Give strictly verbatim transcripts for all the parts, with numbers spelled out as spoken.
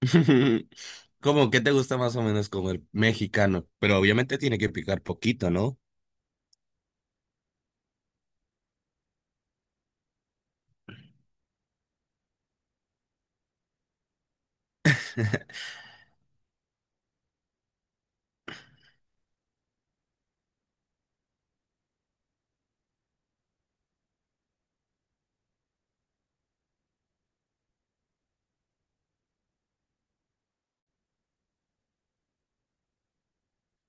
¿Cómo que te gusta más o menos como el mexicano? Pero obviamente tiene que picar poquito, ¿no?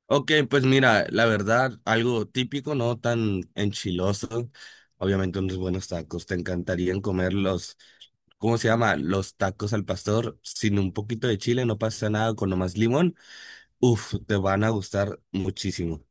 Ok, pues mira, la verdad, algo típico, no tan enchiloso. Obviamente unos buenos tacos. Te encantarían comer los, ¿cómo se llama? Los tacos al pastor. Sin un poquito de chile no pasa nada, con nomás limón. Uf, te van a gustar muchísimo.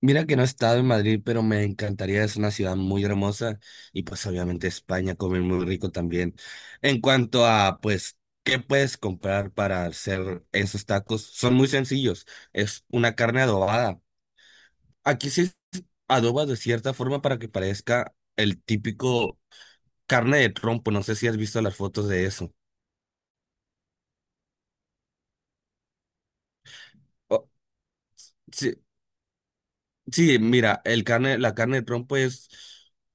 Mira que no he estado en Madrid, pero me encantaría, es una ciudad muy hermosa y pues obviamente España come muy rico también. En cuanto a pues, ¿qué puedes comprar para hacer esos tacos? Son muy sencillos, es una carne adobada. Aquí se adoba de cierta forma para que parezca el típico carne de trompo, no sé si has visto las fotos de eso. Oh, sí, sí, mira, el carne, la carne de trompo es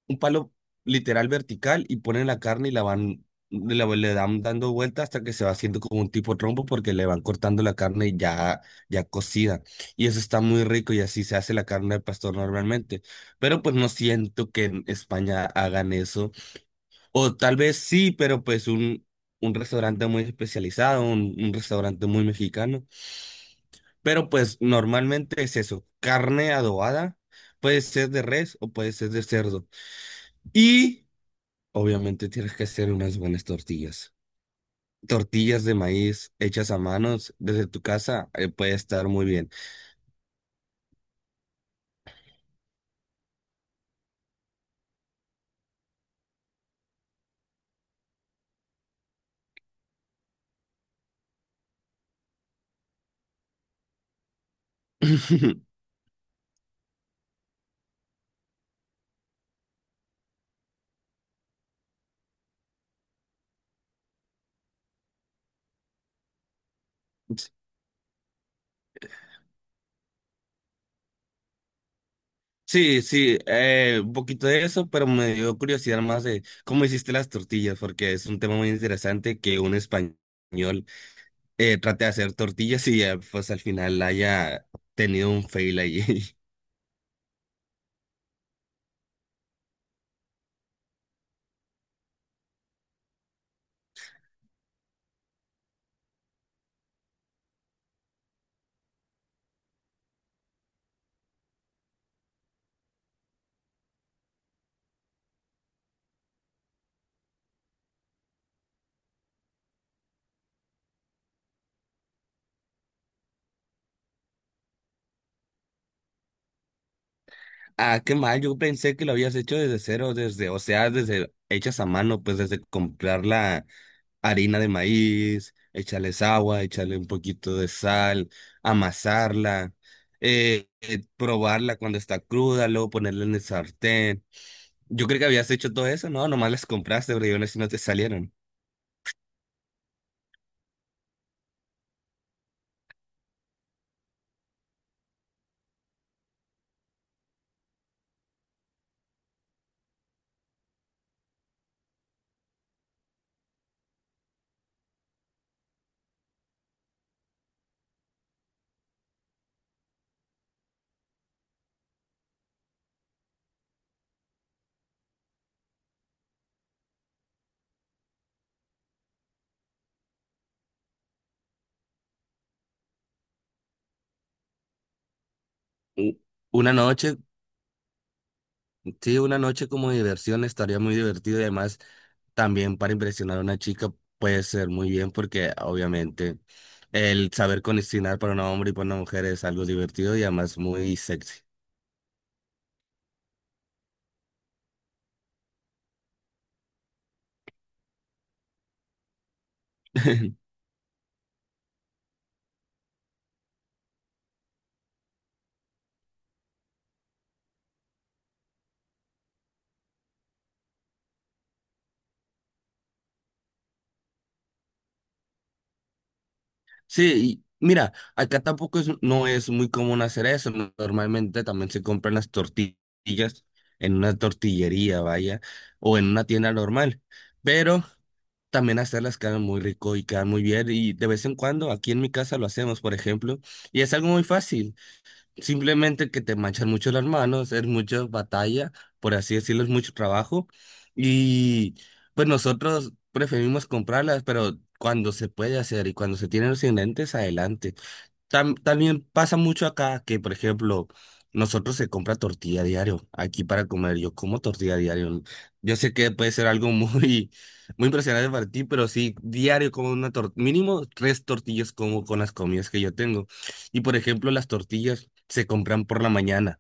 un palo literal vertical y ponen la carne y la van, la- le dan dando vuelta hasta que se va haciendo como un tipo trompo porque le van cortando la carne ya, ya cocida. Y eso está muy rico y así se hace la carne de pastor normalmente. Pero pues no siento que en España hagan eso. O tal vez sí, pero pues un, un restaurante muy especializado, un un restaurante muy mexicano. Pero pues normalmente es eso, carne adobada, puede ser de res o puede ser de cerdo. Y obviamente tienes que hacer unas buenas tortillas. Tortillas de maíz hechas a manos desde tu casa, eh, puede estar muy bien. Sí, sí, eh, un poquito de eso, pero me dio curiosidad más de cómo hiciste las tortillas, porque es un tema muy interesante que un español eh, trate de hacer tortillas y eh, pues al final haya tenido un fail ahí. Ah, qué mal, yo pensé que lo habías hecho desde cero, desde, o sea, desde hechas a mano, pues desde comprar la harina de maíz, echarles agua, echarle un poquito de sal, amasarla, eh, eh, probarla cuando está cruda, luego ponerla en el sartén. Yo creo que habías hecho todo eso, ¿no? Nomás las compraste, pero yo no sé si no te salieron. U- Una noche sí, una noche como de diversión estaría muy divertido y además también para impresionar a una chica puede ser muy bien porque obviamente el saber condicionar para un hombre y para una mujer es algo divertido y además muy sexy. Sí, y mira, acá tampoco es, no es muy común hacer eso. no- Normalmente también se compran las tortillas en una tortillería, vaya, o en una tienda normal. Pero también hacerlas quedan muy rico y quedan muy bien y de vez en cuando aquí en mi casa lo hacemos, por ejemplo, y es algo muy fácil, simplemente que te manchan mucho las manos, es mucha batalla, por así decirlo, es mucho trabajo y pues nosotros preferimos comprarlas, pero cuando se puede hacer y cuando se tienen los ingredientes, adelante. Tam- también pasa mucho acá que, por ejemplo, nosotros se compra tortilla diario aquí para comer. Yo como tortilla diario. Yo sé que puede ser algo muy, muy impresionante para ti, pero sí, diario como una tortilla, mínimo tres tortillas como con las comidas que yo tengo. Y, por ejemplo, las tortillas se compran por la mañana,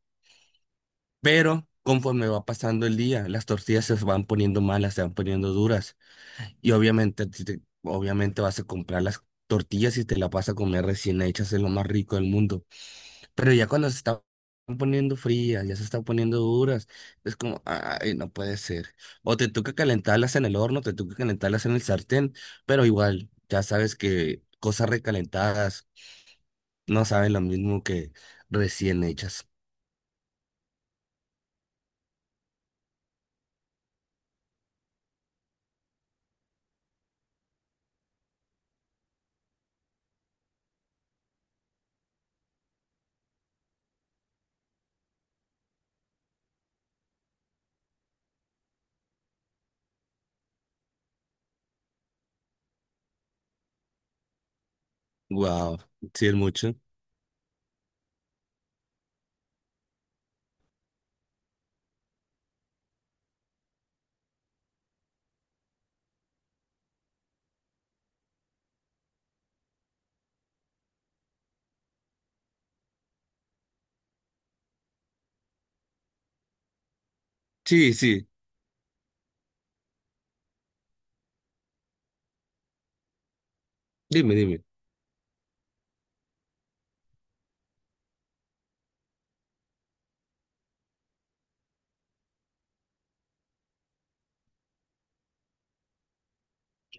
pero conforme va pasando el día, las tortillas se van poniendo malas, se van poniendo duras. Y obviamente, si te- obviamente vas a comprar las tortillas y te la vas a comer recién hechas, es lo más rico del mundo. Pero ya cuando se están poniendo frías, ya se están poniendo duras, es como, ay, no puede ser. O te toca calentarlas en el horno, te toca calentarlas en el sartén, pero igual, ya sabes que cosas recalentadas no saben lo mismo que recién hechas. Wow, sí es mucho. Sí, sí, dime, dime.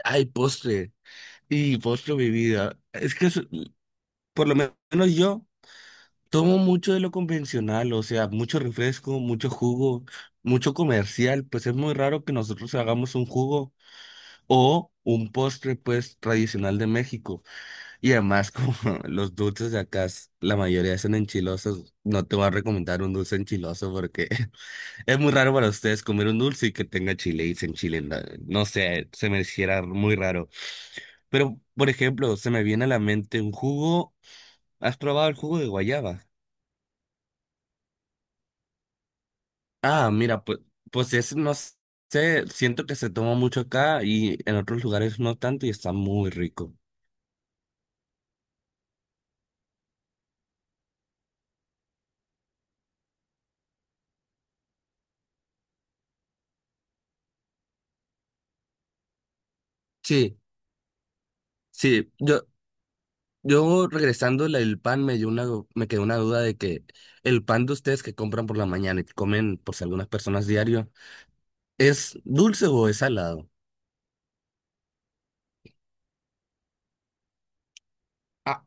Ay, postre. Y postre, mi vida. Es que es- por lo menos yo. Tomo mucho de lo convencional, o sea, mucho refresco, mucho jugo, mucho comercial, pues es muy raro que nosotros hagamos un jugo o un postre, pues, tradicional de México. Y además, como los dulces de acá, s- la mayoría son enchilosos, no te voy a recomendar un dulce enchiloso porque es muy raro para ustedes comer un dulce y que tenga chile y se enchilen. No No sé, se me hiciera muy raro. Pero, por ejemplo, se me viene a la mente un jugo. ¿Has probado el jugo de guayaba? Ah, mira, pues, pues es, no sé, siento que se toma mucho acá y en otros lugares no tanto y está muy rico. Sí, sí, yo, yo regresando el pan me dio una, du- me quedó una duda de que el pan de ustedes que compran por la mañana y que comen por si algunas personas diario, ¿es dulce o es salado? Ah,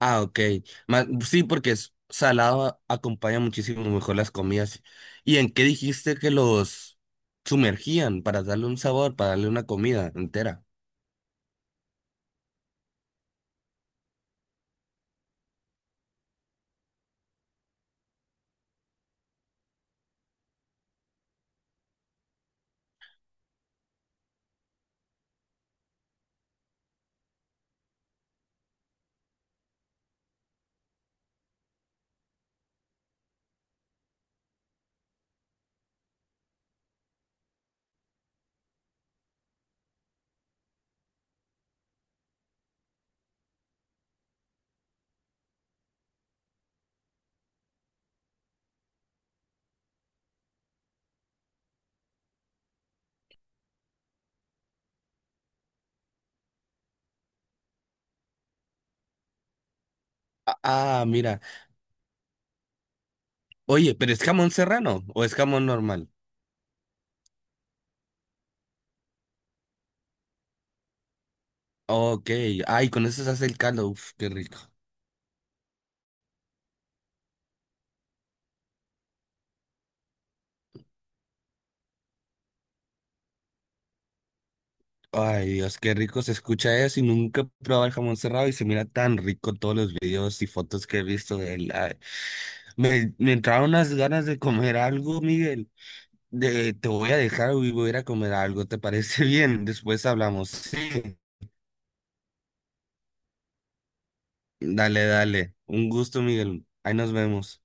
ah, ok. Ma- sí, porque es salado a- acompaña muchísimo mejor las comidas. ¿Y en qué dijiste que los sumergían para darle un sabor, para darle una comida entera? Ah, mira. Oye, pero ¿es jamón serrano o es jamón normal? Ok. Ay, con eso se hace el caldo. Uf, qué rico. Ay, Dios, qué rico se escucha eso y nunca he probado el jamón serrano y se mira tan rico todos los videos y fotos que he visto de él. Ay, me, me entraron unas ganas de comer algo, Miguel. De, te voy a dejar y voy a ir a comer algo. ¿Te parece bien? Después hablamos. Sí. Dale, dale. Un gusto, Miguel. Ahí nos vemos.